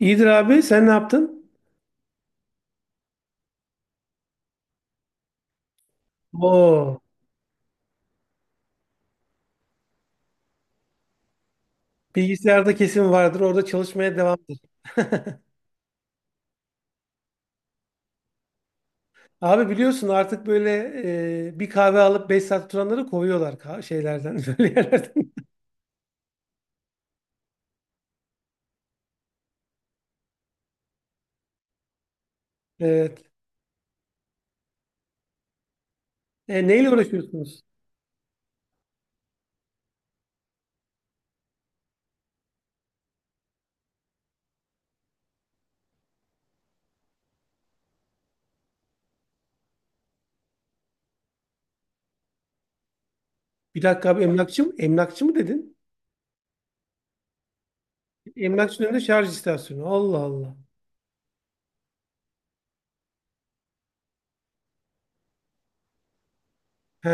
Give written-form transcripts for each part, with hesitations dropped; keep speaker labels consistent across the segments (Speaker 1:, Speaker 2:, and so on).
Speaker 1: İyidir abi. Sen ne yaptın? Oo, bilgisayarda kesin vardır. Orada çalışmaya devamdır. Abi biliyorsun artık böyle bir kahve alıp 5 saat oturanları kovuyorlar şeylerden, böyle yerlerden. Evet. Neyle uğraşıyorsunuz? Bir dakika abi emlakçı mı? Emlakçı mı dedin? Emlakçının önünde şarj istasyonu. Allah Allah. He.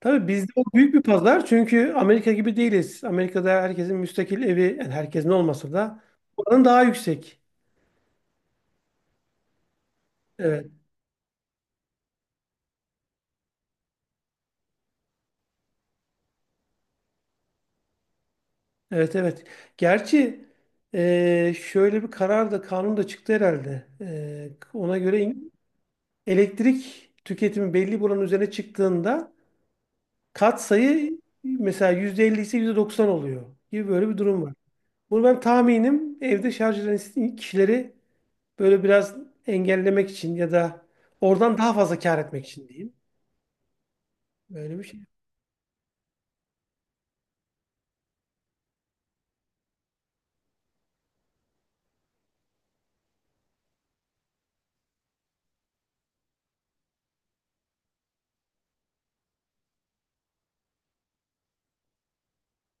Speaker 1: Tabii bizde o büyük bir pazar çünkü Amerika gibi değiliz. Amerika'da herkesin müstakil evi, yani herkesin olmasa da oranın daha yüksek. Evet. Evet evet. Gerçi şöyle bir karar da kanun da çıktı herhalde. Ona göre elektrik tüketimi belli bir oranın üzerine çıktığında katsayı mesela %50 ise %90 oluyor gibi böyle bir durum var. Bunu ben tahminim evde şarj eden kişileri böyle biraz engellemek için ya da oradan daha fazla kâr etmek için diyeyim. Böyle bir şey.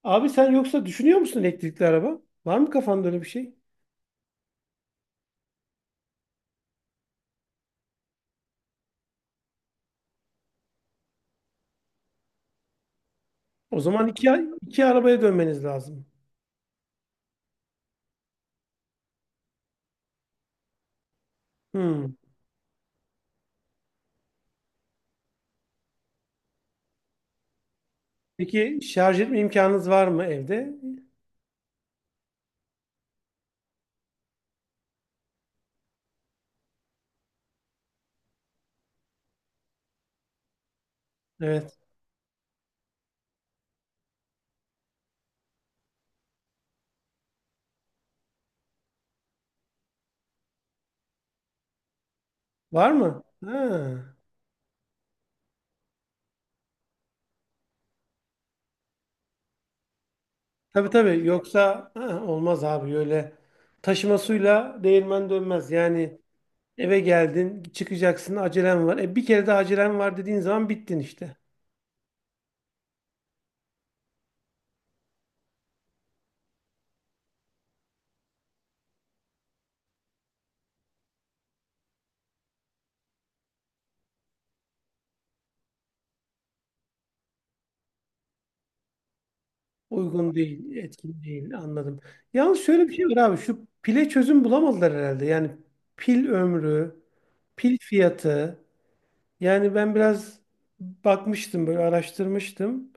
Speaker 1: Abi sen yoksa düşünüyor musun elektrikli araba? Var mı kafanda öyle bir şey? O zaman iki arabaya dönmeniz lazım. Hmm. Peki şarj etme imkanınız var mı evde? Evet. Var mı? Ha. Tabii tabii. Yoksa ha, olmaz abi öyle. Taşımasıyla değirmen dönmez. Yani eve geldin, çıkacaksın, acelen var. Bir kere de acelen var dediğin zaman bittin işte. Uygun değil, etkin değil. Anladım. Yalnız şöyle bir şey var abi. Şu pile çözüm bulamadılar herhalde. Yani pil ömrü, pil fiyatı. Yani ben biraz bakmıştım böyle araştırmıştım.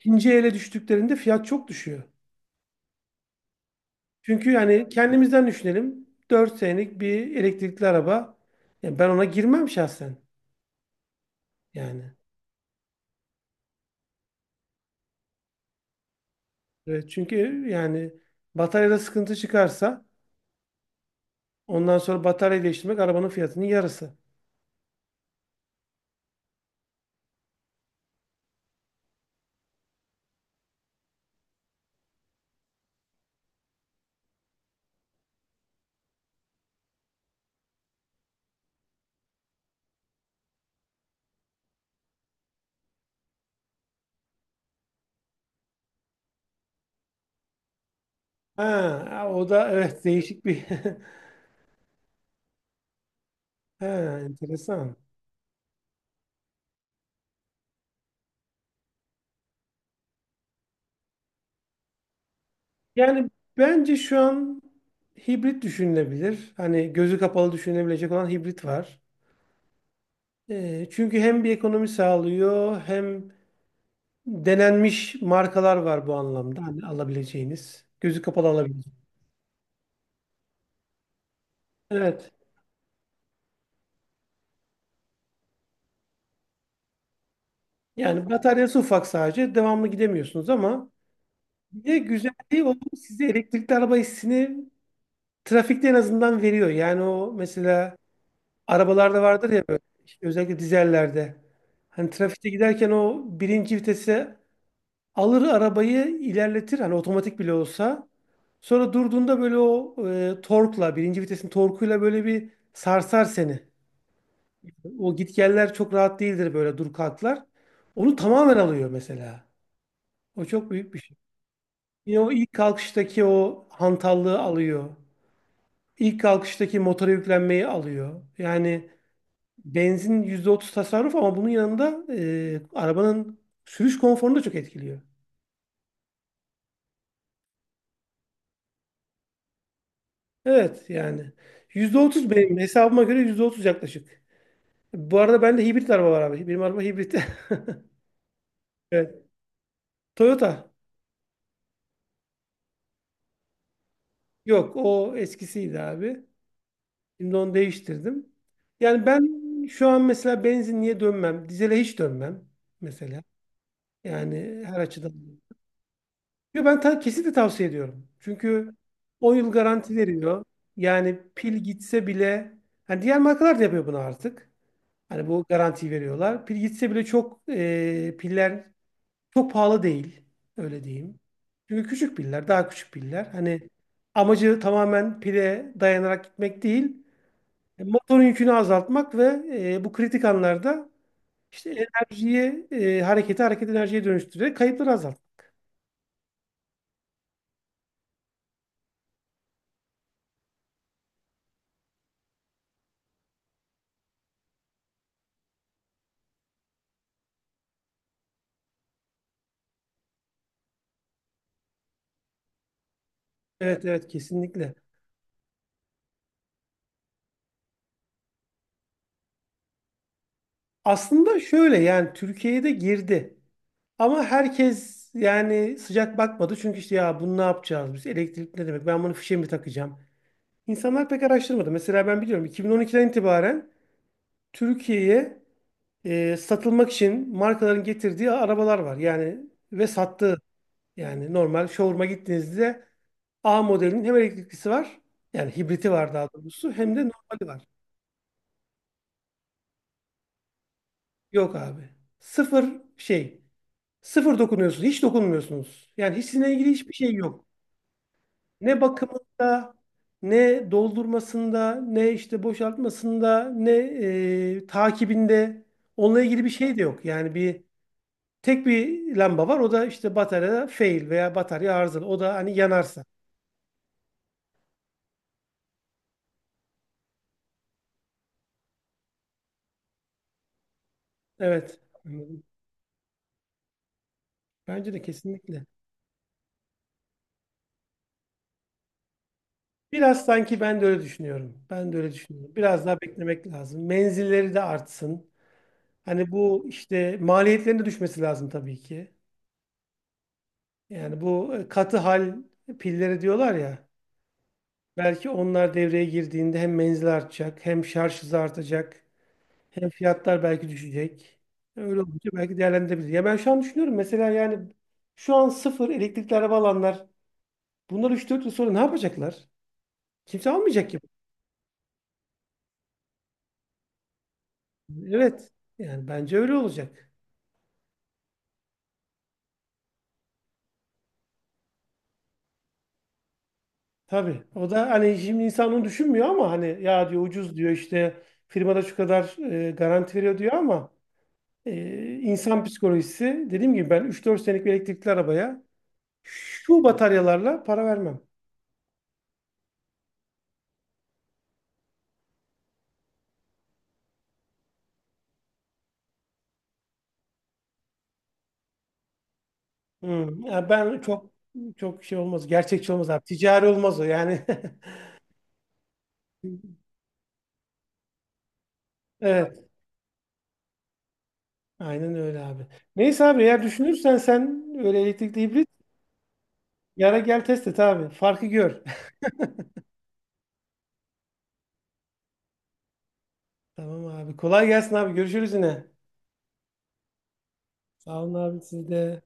Speaker 1: İkinci ele düştüklerinde fiyat çok düşüyor. Çünkü yani kendimizden düşünelim. 4 senelik bir elektrikli araba. Ya ben ona girmem şahsen. Yani. Evet, çünkü yani bataryada sıkıntı çıkarsa ondan sonra batarya değiştirmek arabanın fiyatının yarısı. Ha, o da evet değişik bir ha, enteresan. Yani bence şu an hibrit düşünülebilir. Hani gözü kapalı düşünülebilecek olan hibrit var. Çünkü hem bir ekonomi sağlıyor hem denenmiş markalar var bu anlamda. Hani alabileceğiniz. Gözü kapalı alabileceğiniz. Evet. Yani bataryası ufak sadece. Devamlı gidemiyorsunuz ama bir de güzelliği o size elektrikli araba hissini trafikte en azından veriyor. Yani o mesela arabalarda vardır ya böyle, işte özellikle dizellerde. Hani trafikte giderken o birinci vitese alır arabayı ilerletir. Hani otomatik bile olsa. Sonra durduğunda böyle o torkla, birinci vitesin torkuyla böyle bir sarsar seni. O gitgeller çok rahat değildir böyle dur kalklar. Onu tamamen alıyor mesela. O çok büyük bir şey. Yine o ilk kalkıştaki o hantallığı alıyor. İlk kalkıştaki motora yüklenmeyi alıyor. Yani benzin %30 tasarruf ama bunun yanında arabanın sürüş konforunu da çok etkiliyor. Evet yani %30 benim hesabıma göre %30 yaklaşık. Bu arada bende hibrit araba var abi. Benim araba hibrit. Evet. Toyota. Yok o eskisiydi abi. Şimdi onu değiştirdim. Yani ben şu an mesela benzinliğe dönmem. Dizele hiç dönmem mesela. Yani her açıdan. Yo, ben kesinlikle tavsiye ediyorum. Çünkü 10 yıl garanti veriyor. Yani pil gitse bile hani diğer markalar da yapıyor bunu artık. Hani bu garantiyi veriyorlar. Pil gitse bile çok piller çok pahalı değil. Öyle diyeyim. Çünkü küçük piller, daha küçük piller. Hani amacı tamamen pile dayanarak gitmek değil. Motorun yükünü azaltmak ve bu kritik anlarda işte enerjiyi, hareketi hareket enerjiye dönüştürerek kayıpları azaltmak. Evet evet kesinlikle. Aslında şöyle yani Türkiye'ye de girdi. Ama herkes yani sıcak bakmadı. Çünkü işte ya bunu ne yapacağız biz? Elektrik ne demek? Ben bunu fişe mi takacağım? İnsanlar pek araştırmadı. Mesela ben biliyorum 2012'den itibaren Türkiye'ye satılmak için markaların getirdiği arabalar var. Yani ve sattığı yani normal showroom'a gittiğinizde A modelinin hem elektriklisi var yani hibriti var daha doğrusu hem de normali var. Yok abi. Sıfır şey. Sıfır dokunuyorsunuz. Hiç dokunmuyorsunuz. Yani hiç sizinle ilgili hiçbir şey yok. Ne bakımında, ne doldurmasında, ne işte boşaltmasında, ne takibinde onunla ilgili bir şey de yok. Yani bir tek bir lamba var. O da işte bataryada fail veya batarya arızalı. O da hani yanarsa. Evet. Anladım. Bence de kesinlikle. Biraz sanki ben de öyle düşünüyorum. Ben de öyle düşünüyorum. Biraz daha beklemek lazım. Menzilleri de artsın. Hani bu işte maliyetlerine düşmesi lazım tabii ki. Yani bu katı hal pilleri diyorlar ya. Belki onlar devreye girdiğinde hem menzil artacak, hem şarj hızı artacak, hem fiyatlar belki düşecek. Öyle olunca belki değerlendirebilir. Ya ben şu an düşünüyorum mesela yani şu an sıfır elektrikli araba alanlar bunlar 3-4 yıl sonra ne yapacaklar? Kimse almayacak gibi. Evet. Yani bence öyle olacak. Tabii. O da hani şimdi insan onu düşünmüyor ama hani ya diyor ucuz diyor işte firmada şu kadar garanti veriyor diyor ama insan psikolojisi dediğim gibi ben 3-4 senelik bir elektrikli arabaya şu bataryalarla para vermem. Hmm, ya ben çok çok şey olmaz. Gerçekçi olmaz abi. Ticari olmaz o yani. Evet. Aynen öyle abi. Neyse abi eğer düşünürsen sen öyle elektrikli hibrit yara gel test et abi. Farkı gör. Tamam abi. Kolay gelsin abi. Görüşürüz yine. Sağ olun abi siz de.